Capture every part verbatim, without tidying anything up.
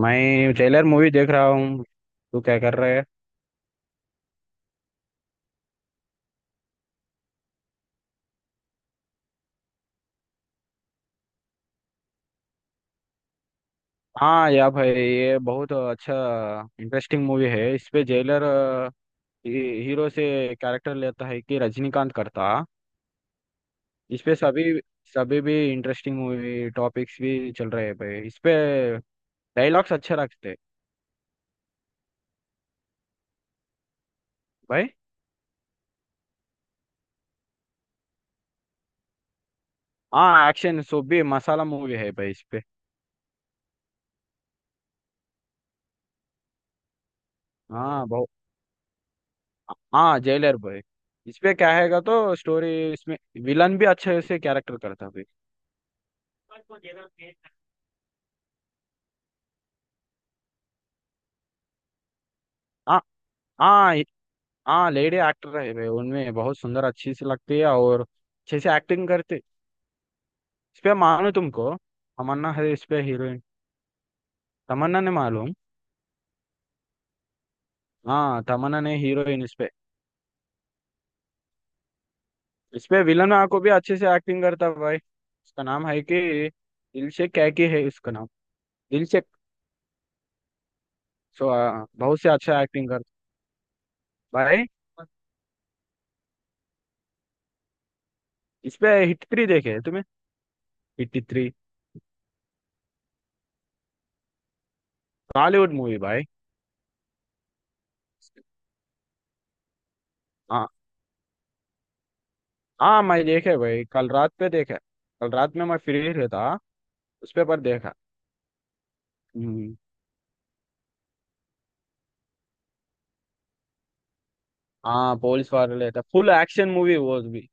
मैं trailer movie देख रहा हूँ। तू क्या कर रहा है। हाँ या भाई ये बहुत अच्छा इंटरेस्टिंग मूवी है इस पे जेलर। हीरो से कैरेक्टर लेता है कि रजनीकांत करता। इस पे सभी सभी भी इंटरेस्टिंग मूवी टॉपिक्स भी चल रहे हैं भाई इस पे। डायलॉग्स अच्छे रखते हैं भाई। हाँ एक्शन सो भी मसाला मूवी है भाई इस पे। हाँ बहुत। हाँ जेलर भाई। इस पे क्या हैगा तो स्टोरी। इसमें विलन भी अच्छे से कैरेक्टर करता भाई। हाँ हाँ हाँ लेडी एक्टर है वे, उनमें बहुत सुंदर अच्छी सी लगती है और अच्छे से एक्टिंग करती। इस पे मानो तुमको तमन्ना है इस पे हीरोइन। तमन्ना ने मालूम। हाँ तमन्ना ने हीरोइन इस पे। इस पे विलन को भी अच्छे से एक्टिंग करता है भाई, उसका नाम है कि दिलशेख कैकी है उसका नाम, दिलशेख। सो आ, बहुत से अच्छा एक्टिंग करता भाई। इस पे हिट थ्री देखे है तुम्हें, हिट थ्री बॉलीवुड मूवी भाई। हाँ हाँ मैं देखे भाई, कल रात पे देखा। कल रात में मैं फ्री रहता, उस पे पर देखा। हम्म। हाँ पुलिस वाले था, फुल एक्शन मूवी वो भी।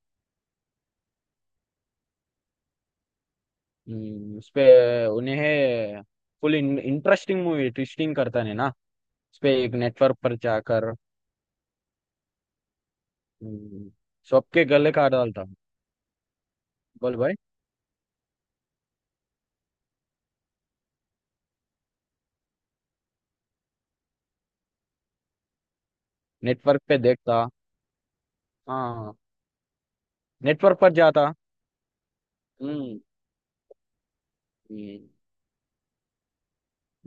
हम्म, उस पे उन्हें फुल इंटरेस्टिंग मूवी ट्विस्टिंग करता है ना। उस पे एक नेटवर्क पर जाकर हम्म, सबके गले काट डालता। बोल भाई। नेटवर्क पे देखता। हाँ नेटवर्क पर जाता। हम्म। हम्म,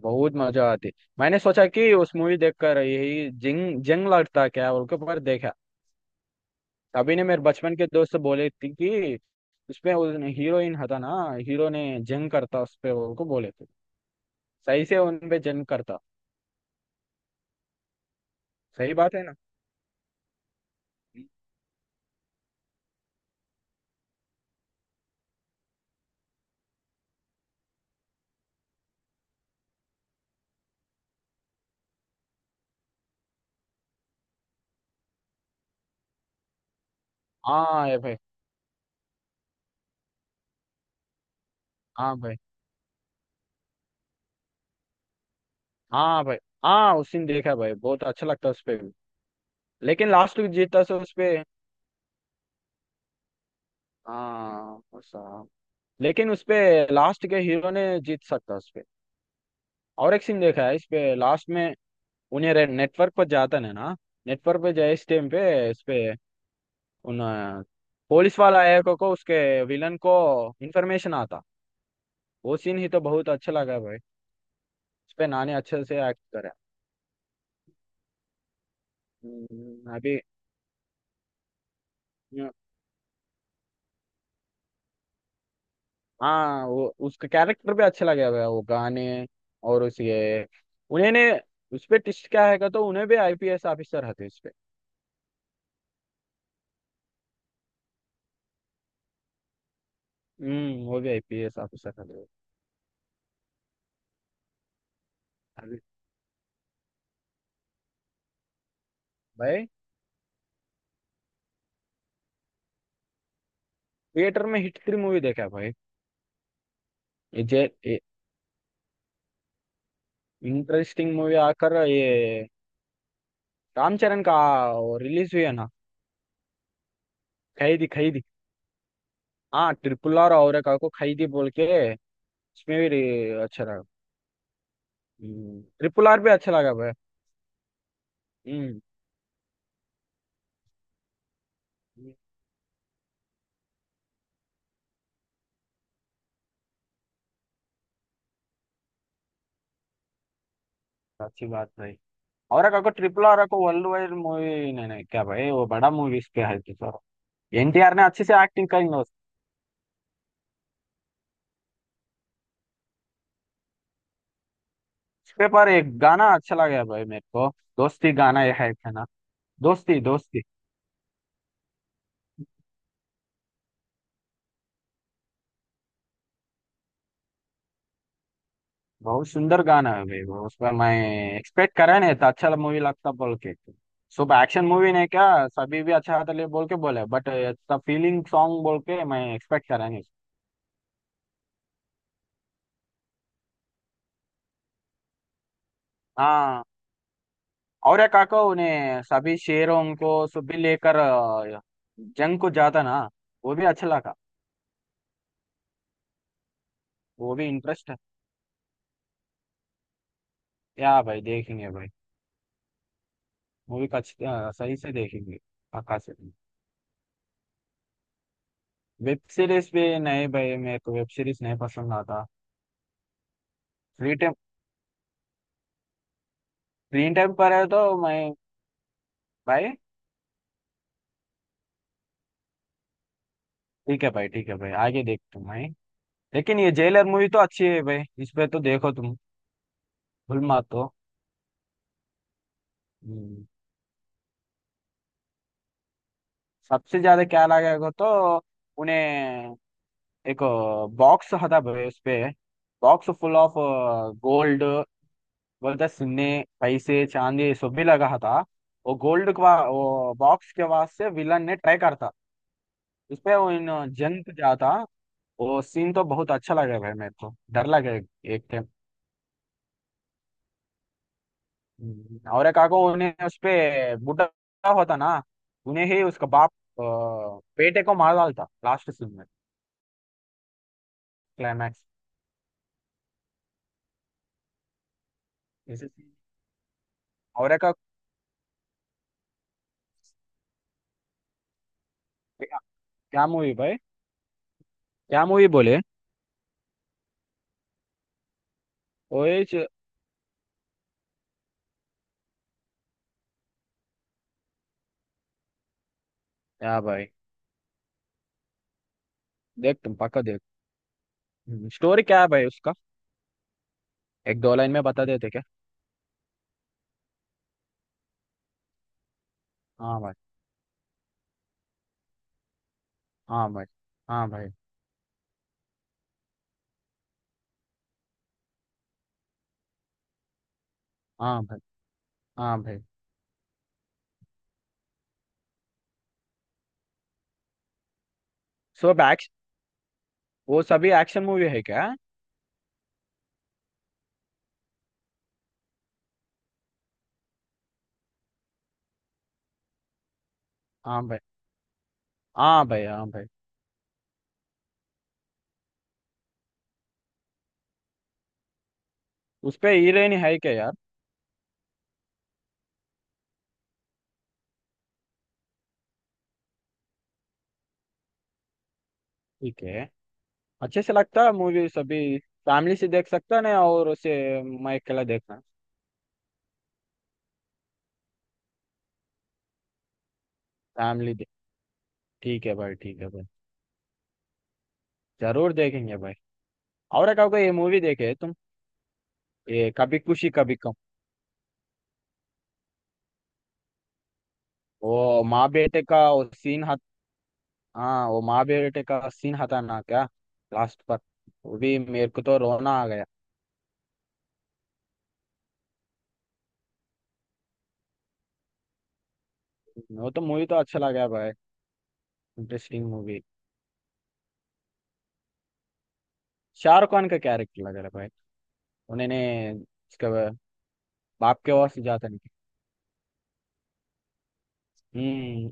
बहुत मजा आती। मैंने सोचा कि उस मूवी देखकर यही जंग जंग लड़ता क्या बोल के पर देखा। अभी ने मेरे बचपन के दोस्त बोले थे कि उसपे उस हीरोइन था ना, हीरो ने जंग करता उस पे उनको बोले थे, सही से उन पे जंग करता। सही बात है ना। हाँ ये भाई। हाँ भाई हाँ भाई। हाँ उस दिन देखा भाई, बहुत अच्छा लगता है उस पे भी। लेकिन लास्ट में जीतता से उस पे। हाँ साहब। लेकिन उस पे लास्ट के हीरो ने जीत सकता उस पे। और एक सीन देखा है इस पे लास्ट में। उन्हें नेटवर्क पर जाता है ना, नेटवर्क पे जाए इस टाइम पे। इस पे उन अ, पुलिस वाला एक को, उसके विलन को इन्फॉर्मेशन आता, वो सीन ही तो बहुत अच्छा लगा भाई। उस पे नानी अच्छे से एक्ट करे। हम्म, अभी। हम्म, हाँ वो उसका कैरेक्टर भी अच्छा लगा भाई, वो गाने और उसके, उन्हें उस पे टिस्ट क्या है का तो उन्हें भी आई पी एस ऑफिसर हथे उस पे। हम्म वो भी आई पी एस ऑफिसर हथे। अभी भाई। थिएटर में हिट थ्री मूवी देखा भाई। ये जे इंटरेस्टिंग मूवी आकर ये रामचरण का रिलीज हुई है ना। खैदी खैदी। हाँ ट्रिपल आर और एक को खाई थी बोल के, इसमें भी रे- अच्छा लगा। ट्रिपल आर भी अच्छा लगा भाई। हम्म। अच्छी बात भाई। और एक को ट्रिपल आर को वर्ल्ड वाइड मूवी नहीं नहीं क्या भाई, वो बड़ा मूवी इस पे है तो सर। एन टी आर ने अच्छे से एक्टिंग करी ना उस पे, पर एक गाना अच्छा लगा भाई मेरे को, दोस्ती गाना ये है है ना, दोस्ती दोस्ती। बहुत सुंदर गाना है भाई वो, उस पर मैं एक्सपेक्ट करा नहीं था अच्छा मूवी लगता बोल के। सुबह एक्शन मूवी ने क्या सभी भी अच्छा था ले बोल के बोले, बट इतना फीलिंग सॉन्ग बोल के मैं एक्सपेक्ट करा नहीं। हाँ और एक काका उन्हें सभी शेरों को सभी लेकर अ, जंग को जाता ना, वो भी अच्छा लगा। वो भी इंटरेस्ट है। या भाई देखेंगे भाई, मूवी का अच्छ- अ, सही से देखेंगे काका से। वेब सीरीज भी नहीं भाई, मेरे को वेब सीरीज नहीं पसंद आता। फ्री टाइम, फ्री टाइम पर है तो मैं भाई। ठीक है भाई ठीक है भाई, आगे देखते हैं भाई। लेकिन ये जेलर मूवी तो अच्छी है भाई, इस पे तो देखो तुम, भूल मत तो। हम्म, सबसे ज्यादा क्या लगेगा तो उन्हें एक बॉक्स हटा भाई उस पे, बॉक्स फुल ऑफ गोल्ड बोलते सुन्ने पैसे चांदी ये सब भी लगा था। वो गोल्ड का वो बॉक्स के वास्ते विलन ने ट्राई करता उस पे, वो इन जंत जाता, वो सीन तो बहुत अच्छा लगा भाई, मेरे को डर लगा एक, एक time। हम्म, और काको ने उस पे बुड्ढा होता ना, उन्हें ही उसका बाप अ, बेटे को मार डालता लास्ट सीन में, क्लाइमैक्स। और का क्या। क्या मूवी भाई, क्या मूवी बोले। ओए च- क्या भाई, देख तुम पक्का देख, स्टोरी क्या है भाई उसका, एक दो लाइन में बता देते क्या। हाँ भाई हाँ भाई हाँ भाई हाँ भाई हाँ भाई। सो बैक्स, वो सभी एक्शन मूवी है क्या। हाँ भाई हाँ भाई हाँ भाई। उस पे हीरोइन है क्या यार। ठीक है, अच्छे से लगता है मूवी सभी, फैमिली से देख सकता ना और उसे, मैं अकेला देखना। फैमिली दे। ठीक है भाई ठीक है भाई, जरूर देखेंगे भाई। और एक आपको ये मूवी देखे तुम, ये कभी खुशी कभी गम। वो माँ बेटे का वो सीन हत, हाँ वो माँ बेटे का सीन हता ना क्या, लास्ट पर, वो भी मेरे को तो रोना आ गया। वो तो मूवी तो अच्छा लगा भाई, इंटरेस्टिंग मूवी। शाहरुख खान का कैरेक्टर लग रहा है भाई, उन्होंने उसके बाप के वास जाता नहीं। हम्म।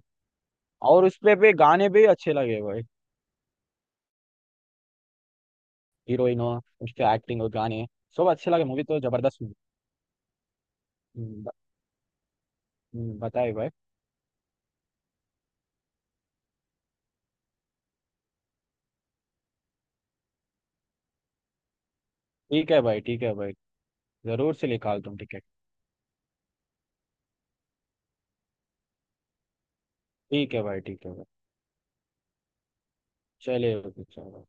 और उसपे पे गाने भी अच्छे लगे भाई, हीरोइन हो, उसके एक्टिंग और गाने सब अच्छे लगे, मूवी तो जबरदस्त movie। हम्म, ब- हम्म, बताए भाई। ठीक है भाई ठीक है भाई, जरूर से निकाल तुम टिकट। ठीक है भाई ठीक है भाई। चलिए चलो।